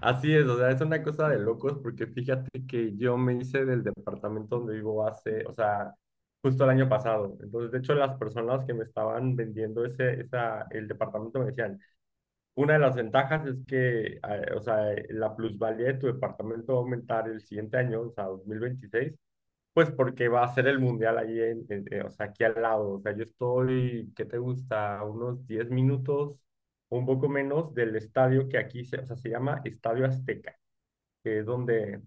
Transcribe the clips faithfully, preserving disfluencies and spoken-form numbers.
Así es, o sea, es una cosa de locos porque fíjate que yo me hice del departamento donde vivo hace, o sea, justo el año pasado. Entonces, de hecho, las personas que me estaban vendiendo ese, esa, el departamento me decían, una de las ventajas es que, eh, o sea, la plusvalía de tu departamento va a aumentar el siguiente año, o sea, dos mil veintiséis. Pues porque va a ser el mundial allí, en- en- eh, o sea, aquí al lado. O sea, yo estoy, ¿qué te gusta? A unos diez minutos, un poco menos del estadio que aquí se, o sea, se llama Estadio Azteca, que es donde,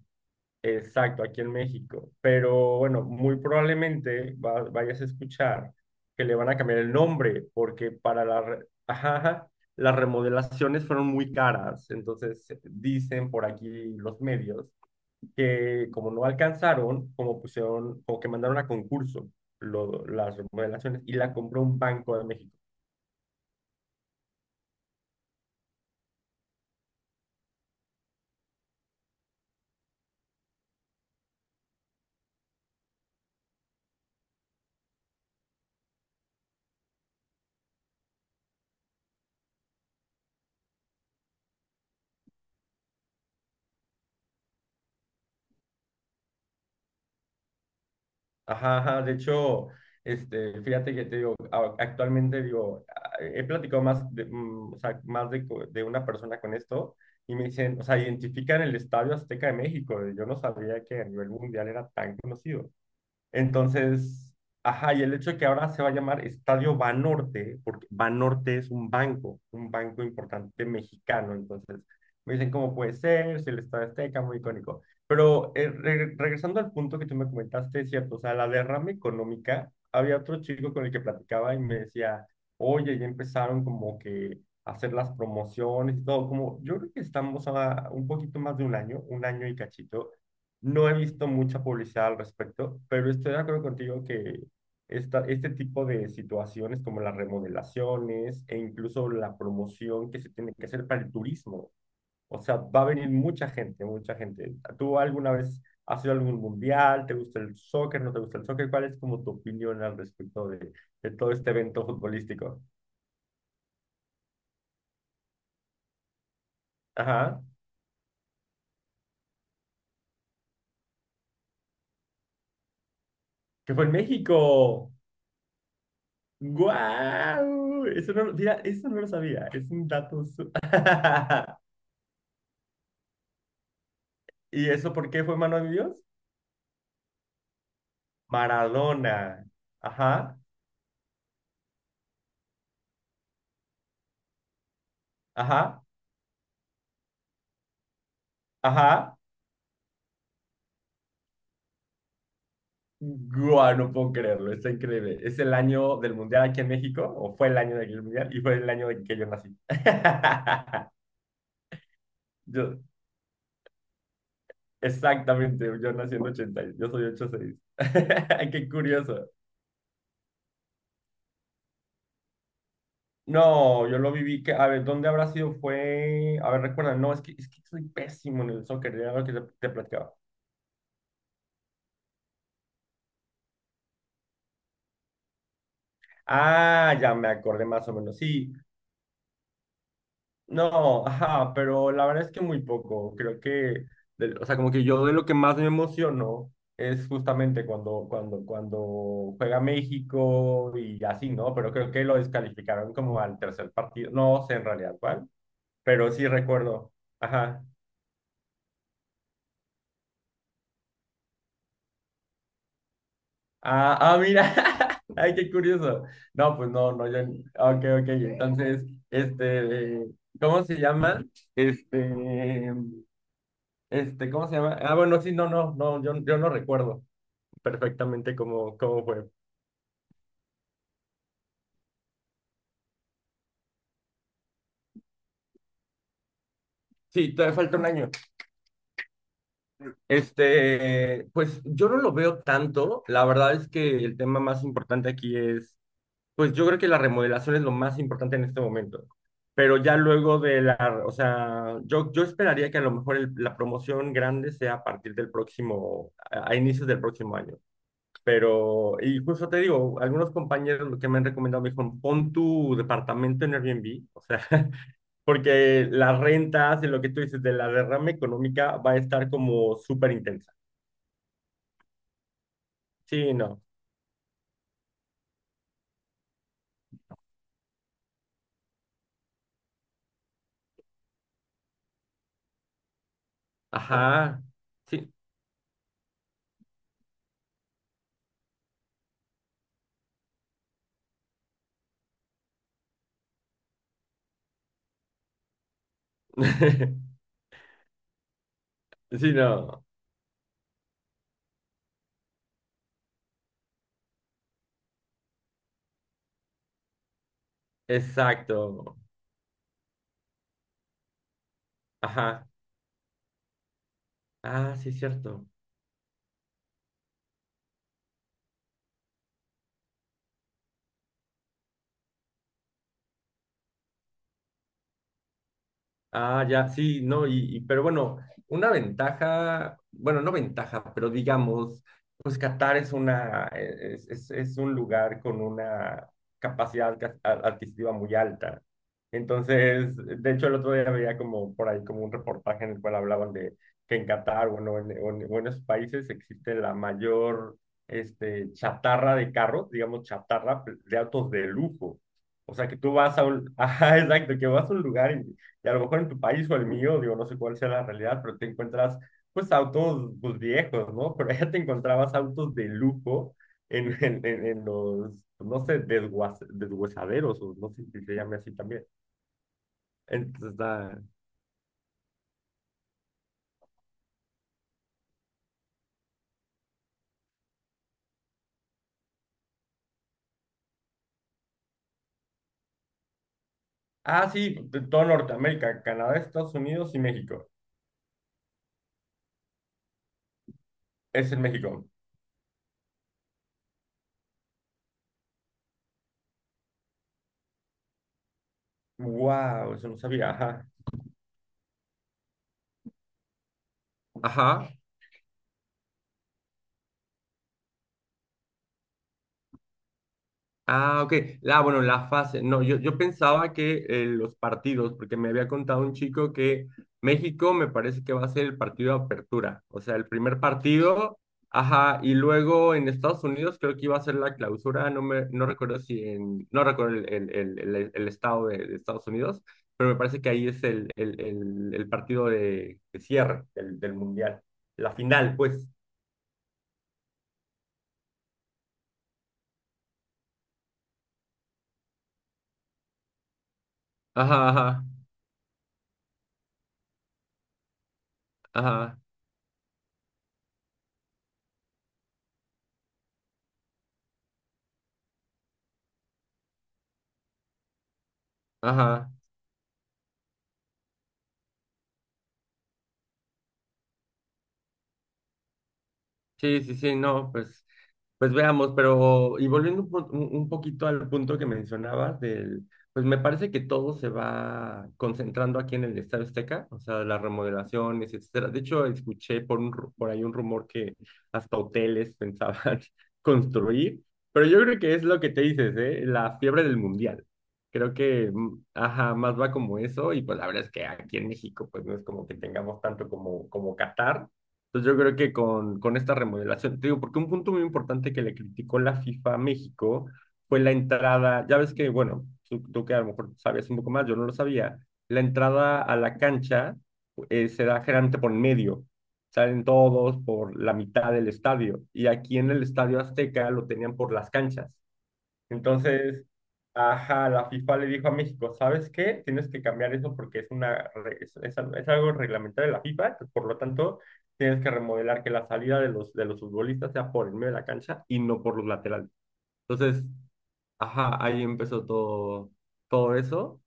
exacto, aquí en México. Pero bueno, muy probablemente va- vayas a escuchar que le van a cambiar el nombre, porque para la, re- ajá, ajá, las remodelaciones fueron muy caras. Entonces, dicen por aquí los medios que como no alcanzaron, como pusieron, como que mandaron a concurso lo- las remodelaciones y la compró un banco de México. Ajá, ajá, de hecho, este, fíjate que te digo, a- actualmente digo, a- he platicado más de, mm, o sea, más de, co- de una persona con esto y me dicen, o sea, identifican el Estadio Azteca de México. Yo no sabía que a nivel mundial era tan conocido. Entonces, ajá, y el hecho de que ahora se va a llamar Estadio Banorte, porque Banorte es un banco, un banco importante mexicano, entonces me dicen cómo puede ser, si el Estadio Azteca, muy icónico. Pero eh, re- regresando al punto que tú me comentaste, es cierto, o sea, la derrama económica, había otro chico con el que platicaba y me decía, oye, ya empezaron como que a hacer las promociones y todo, como yo creo que estamos a un poquito más de un año, un año y cachito, no he visto mucha publicidad al respecto, pero estoy de acuerdo contigo que esta, este tipo de situaciones como las remodelaciones e incluso la promoción que se tiene que hacer para el turismo, o sea, va a venir mucha gente, mucha gente. ¿Tú alguna vez has ido a algún mundial? ¿Te gusta el soccer? ¿No te gusta el soccer? ¿Cuál es como tu opinión al respecto de, de todo este evento futbolístico? Ajá, que fue en México. ¡Guau! Eso no, lo- mira, eso no lo sabía. Es un dato. Su- ¿Y eso por qué fue mano de Dios? Maradona. Ajá, ajá, ajá. Guau, no puedo creerlo, está increíble. Es el año del Mundial aquí en México, o fue el año del Mundial, y fue el año en que yo nací. Yo, exactamente, yo nací en ochenta, y yo soy ochenta y seis. Qué curioso. No, yo lo viví, que, a ver, ¿dónde habrá sido? Fue, a ver, recuerda, no, es que, es que soy pésimo en el soccer, ya lo que te te platicaba. Ah, ya me acordé más o menos. Sí. No, ajá, pero la verdad es que muy poco. Creo que, de- o sea, como que yo de lo que más me emociono es justamente cuando, cuando, cuando juega México y así, ¿no? Pero creo que lo descalificaron como al tercer partido. No sé en realidad cuál, pero sí recuerdo. Ajá. Ah, ah, mira. Ay, qué curioso. No, pues no, no, yo. Ok, ok. Entonces, este, ¿cómo se llama? Este. Este, ¿cómo se llama? Ah, bueno, sí, no, no, no, yo, yo no recuerdo perfectamente cómo, cómo fue. Sí, todavía falta un año. Este, pues yo no lo veo tanto. La verdad es que el tema más importante aquí es, pues yo creo que la remodelación es lo más importante en este momento. Pero ya luego de la, o sea, yo, yo esperaría que a lo mejor el- la promoción grande sea a partir del próximo, a a inicios del próximo año. Pero, y justo te digo, algunos compañeros que me han recomendado me dijeron, pon tu departamento en Airbnb, o sea, porque las rentas y lo que tú dices de la derrama económica va a estar como súper intensa. Sí, no. Claro. Ajá. Sí. Sí, no. Exacto. Ajá. Ah, sí, cierto. Ah, ya, sí, no, y, y- pero bueno, una ventaja, bueno, no ventaja, pero digamos, pues Qatar es una, e, es, es- es un lugar con una capacidad ca- a- adquisitiva muy alta. Entonces, de hecho, el otro día veía como por ahí como un reportaje en el cual hablaban de que en Qatar, bueno, en, o en, o en esos países existe la mayor, este, chatarra de carros, digamos, chatarra de autos de lujo. O sea, que tú vas a un, ajá, exacto, que vas a un lugar y a lo mejor en tu país o el mío, digo, no sé cuál sea la realidad, pero te encuentras pues autos pues, viejos, ¿no? Pero allá te encontrabas autos de lujo en, en, en, en los, pues, no sé, desguaz- desguazaderos, o no sé si se llame así también. Entonces está... Ah, sí, de todo Norteamérica, Canadá, Estados Unidos y México. Es en México. Wow, eso no sabía, ajá. Ajá. Ah, ok. Ah, bueno, la fase. No, yo, yo pensaba que eh, los partidos, porque me había contado un chico que México me parece que va a ser el partido de apertura, o sea, el primer partido, ajá, y luego en Estados Unidos creo que iba a ser la clausura, no me, no recuerdo si en, no recuerdo el, el, el, el- el estado de, de Estados Unidos, pero me parece que ahí es el, el, el, el partido de, de cierre del, del mundial, la final, pues. Ajá, ajá, ajá, ajá. Sí, sí, sí, no, pues. Pues veamos, pero y volviendo un, po- un- un poquito al punto que mencionabas del, pues me parece que todo se va concentrando aquí en el Estadio Azteca, o sea, las remodelaciones, etcétera. De hecho, escuché por un, ru- por ahí un rumor que hasta hoteles pensaban construir, pero yo creo que es lo que te dices, ¿eh? La fiebre del mundial. Creo que, mm, ajá, más va como eso y pues la verdad es que aquí en México pues no es como que tengamos tanto como como Qatar. Entonces yo creo que con, con esta remodelación, te digo, porque un punto muy importante que le criticó la FIFA a México fue la entrada, ya ves que, bueno, tú, tú que a lo mejor sabías un poco más, yo no lo sabía, la entrada a la cancha eh, se da generalmente por en medio, salen todos por la mitad del estadio, y aquí en el Estadio Azteca lo tenían por las canchas. Entonces, ajá, la FIFA le dijo a México, ¿sabes qué? Tienes que cambiar eso porque es una re- es, es al- es algo reglamentario de la FIFA, pues, por lo tanto, tienes que remodelar que la salida de los, de los futbolistas sea por el medio de la cancha y no por los laterales. Entonces, ajá, ahí empezó todo, todo eso,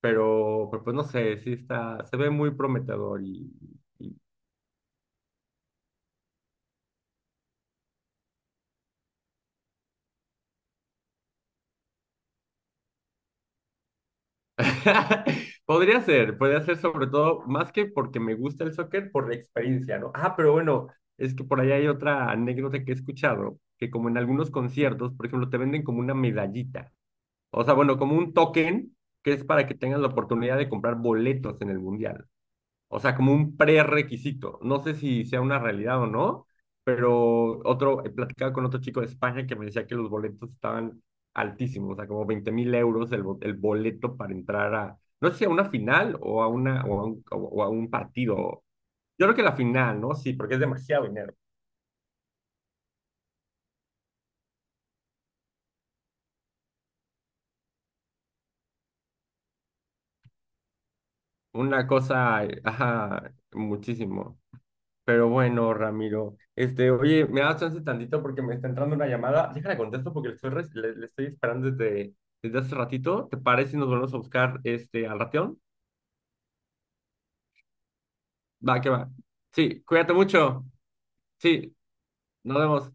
pero, pero, pues no sé, sí está, se ve muy prometedor y, Podría ser, podría ser sobre todo, más que porque me gusta el soccer, por la experiencia, ¿no? Ah, pero bueno, es que por ahí hay otra anécdota que he escuchado, que como en algunos conciertos, por ejemplo, te venden como una medallita, o sea, bueno, como un token que es para que tengas la oportunidad de comprar boletos en el mundial, o sea, como un prerequisito. No sé si sea una realidad o no, pero otro, he platicado con otro chico de España que me decía que los boletos estaban altísimos, o sea, como veinte mil euros el, bo- el boleto para entrar a, no sé si a una final o a, una, o a, un, o- o a un partido. Yo creo que la final, ¿no? Sí, porque es demasiado dinero. Una cosa, eh, ajá, muchísimo. Pero bueno, Ramiro, este, oye, me das chance tantito porque me está entrando una llamada. Déjala contesto porque le estoy, res- le, le estoy esperando desde, desde hace ratito. ¿Te parece si nos volvemos a buscar este, al ratión? Va, que va. Sí, cuídate mucho. Sí, nos vemos.